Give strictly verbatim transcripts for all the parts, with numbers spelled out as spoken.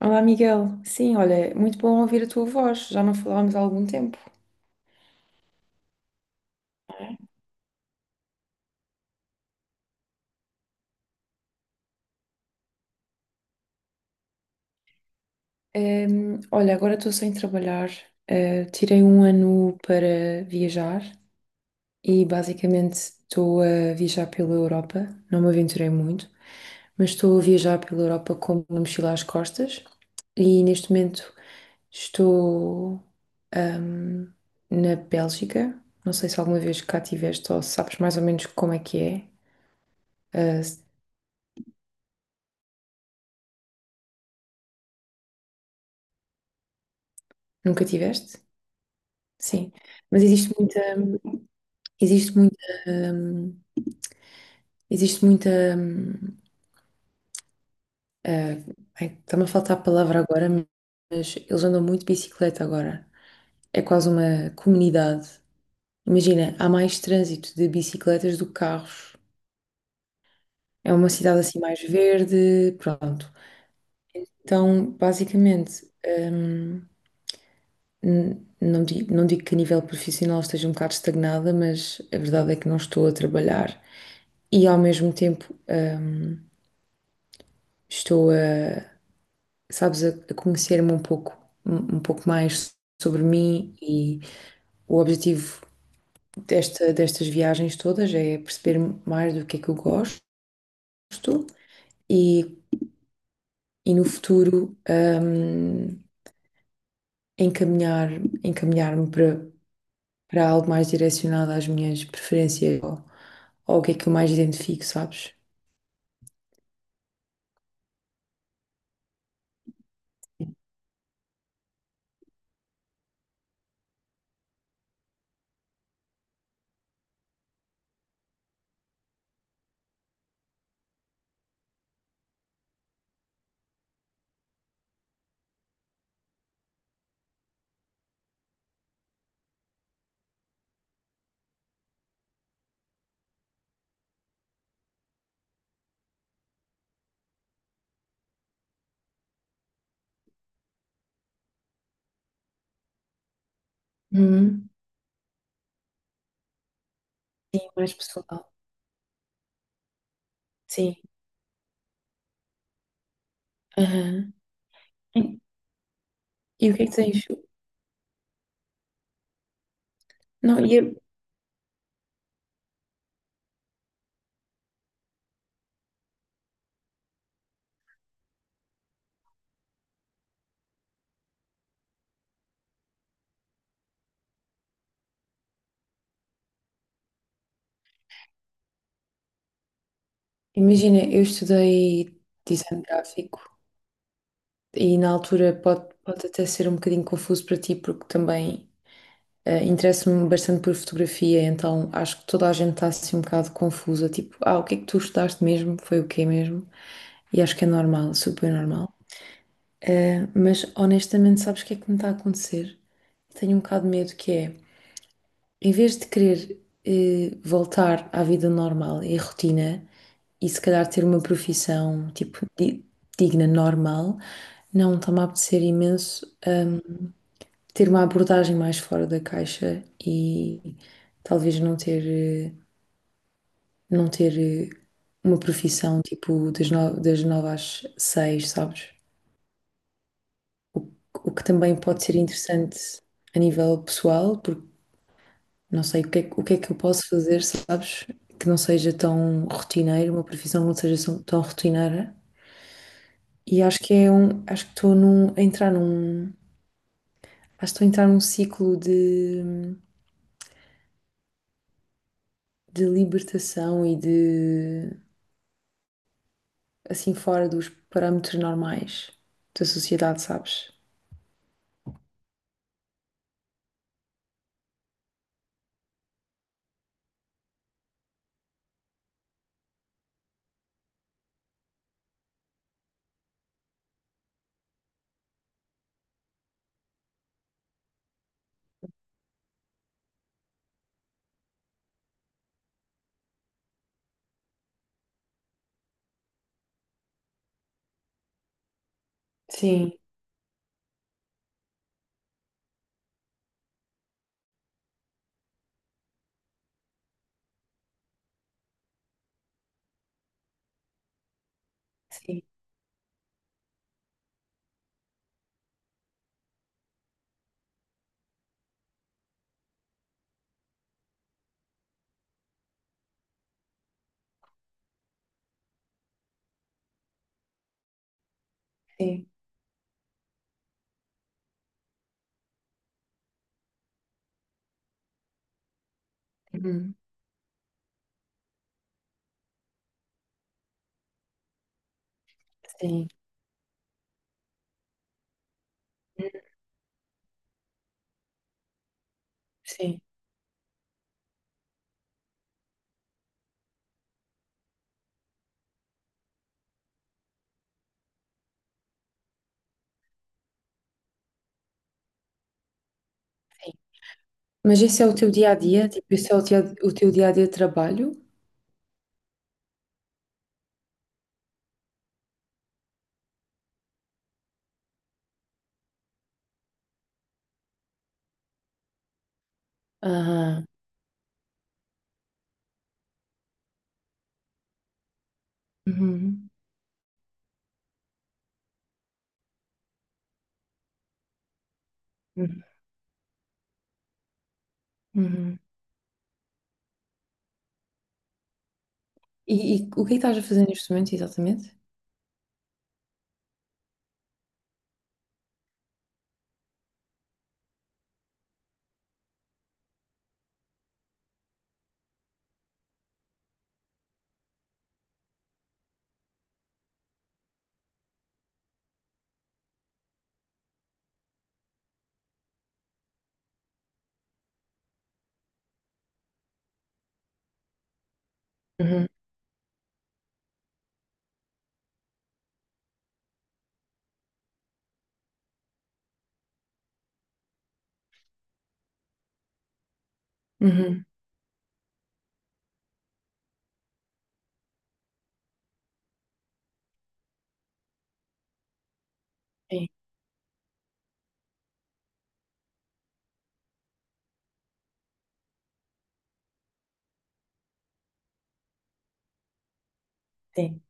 Olá, Miguel. Sim, olha, é muito bom ouvir a tua voz. Já não falávamos há algum tempo. Ehm, olha, agora estou sem trabalhar. Eh, tirei um ano para viajar e basicamente estou a viajar pela Europa. Não me aventurei muito, mas estou a viajar pela Europa com uma mochila às costas e neste momento estou, ahm, na Bélgica. Não sei se alguma vez cá tiveste ou sabes mais ou menos como é que é. Ah, se- Nunca tiveste? Sim, mas existe muita, existe muita, hum, existe muita, hum, eh, ai, está-me a faltar a palavra agora, mas eles andam muito de bicicleta agora. É quase uma comunidade. Imagina, há mais trânsito de bicicletas do que carros. É uma cidade assim mais verde, pronto. Então, basicamente, hum, n- não digo, não digo que a nível profissional esteja um bocado estagnada, mas a verdade é que não estou a trabalhar. E ao mesmo tempo, hum, estou a, sabes, a a conhecer-me um pouco, um um pouco mais sobre mim e o objetivo desta, destas viagens todas é perceber mais do que é que eu gosto e, e no futuro, hum, encaminhar, encaminhar-me para, para algo mais direcionado às minhas preferências ou, ou o que é que eu mais identifico, sabes? Uhum. Sim, mais pessoal. Sim. Aham. E, e o que é que tens? Não, e eu, imagina, eu estudei design gráfico e na altura pode, pode até ser um bocadinho confuso para ti, porque também eh, interesso-me bastante por fotografia, então acho que toda a gente está assim um bocado confusa, tipo, ah, o que é que tu estudaste mesmo? Foi o quê mesmo? E acho que é normal, super normal. Eh, mas honestamente, sabes o que é que me está a acontecer? Tenho um bocado de medo que é. Em vez de querer eh, voltar à vida normal e à rotina, e se calhar ter uma profissão tipo di- digna, normal, não está-me a apetecer imenso, hum, ter uma abordagem mais fora da caixa e talvez não ter, eh, não ter, eh, uma profissão tipo das, no- das nove às seis, sabes? O, o que também pode ser interessante a nível pessoal, porque não sei o que é, que- o que é que eu posso fazer, sabes? Que não seja tão rotineiro, uma profissão que não seja tão tão rotineira. E acho que é um, acho que estou num, a entrar num, acho que estou a entrar num ciclo de, de libertação e de, assim, fora dos parâmetros normais da sociedade, sabes? Sim, sim, sim. Uhum. Sim, sim, sim. Mas esse é o teu dia a dia? Tipo, esse é o, teu o teu dia a dia de trabalho? Aham. Uhum, uhum, uhum. E, e o que é que estás a fazer neste momento, exatamente? Uhum, uhum. Sim, sim.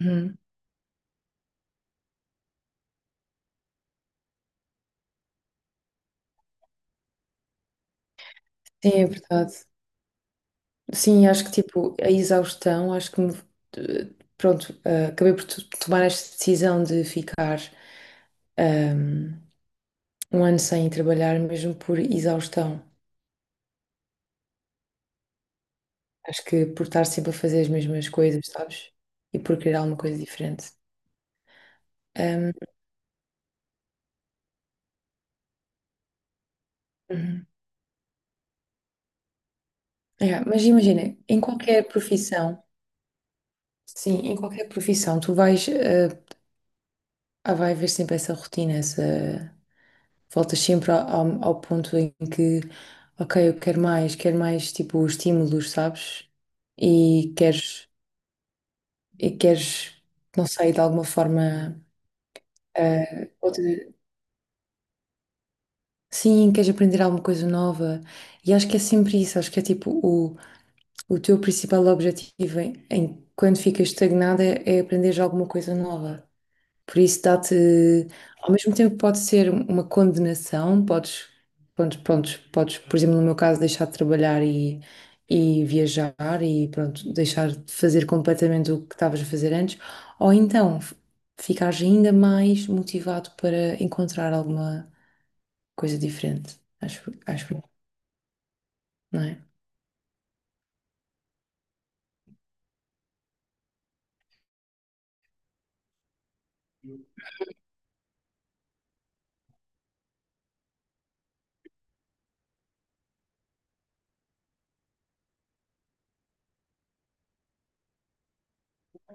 Uhum. Sim, é verdade. Sim, acho que tipo, a exaustão, acho que me, eh, pronto, eh, acabei por to- tomar esta decisão de ficar, ehm, um ano sem trabalhar, mesmo por exaustão. Acho que por estar sempre a fazer as mesmas coisas, sabes? E por querer alguma coisa diferente. Ehm, uhum. É, mas imagina, em qualquer profissão, sim, em qualquer profissão, tu vais. Eh, Ah, vai haver sempre essa rotina, essa... Voltas sempre ao, ao- ao ponto em que, ok, eu quero mais, quero mais, tipo, estímulos, sabes? E queres, e queres, não sei, de alguma forma, eh, outra... Sim, queres aprender alguma coisa nova. E acho que é sempre isso, acho que é tipo, o, o teu principal objetivo em, em- quando ficas estagnada é, é aprenderes alguma coisa nova. Por isso dá-te, ao mesmo tempo pode ser uma condenação, podes, pronto, pronto, podes, por exemplo, no meu caso, deixar de trabalhar e, e viajar e pronto, deixar de fazer completamente o que estavas a fazer antes, ou então f- ficares ainda mais motivado para encontrar alguma coisa diferente, acho, acho, eu, não é?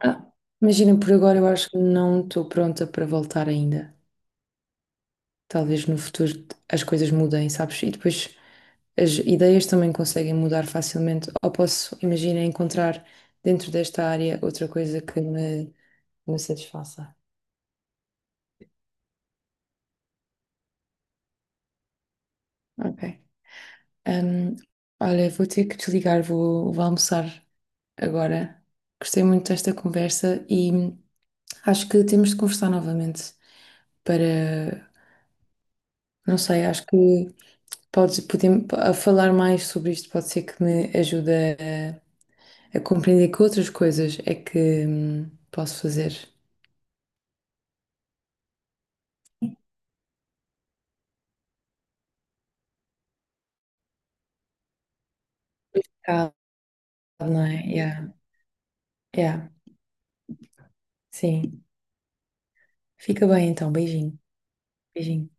Ah, imagina, por agora eu acho que não estou pronta para voltar ainda. Talvez no futuro as coisas mudem, sabes? E depois as ideias também conseguem mudar facilmente. Ou posso, imagina, encontrar dentro desta área outra coisa que me, me satisfaça. Ok. Hum, Olha, vou ter que desligar, vou, vou almoçar agora. Gostei muito desta conversa e acho que temos de conversar novamente para, não sei, acho que podes, podemos, a falar mais sobre isto pode ser que me ajude a compreender que outras coisas é que hum, posso fazer. Ah, não é? Yeah. Yeah. Sim. Fica bem então. Beijinho. Beijinho.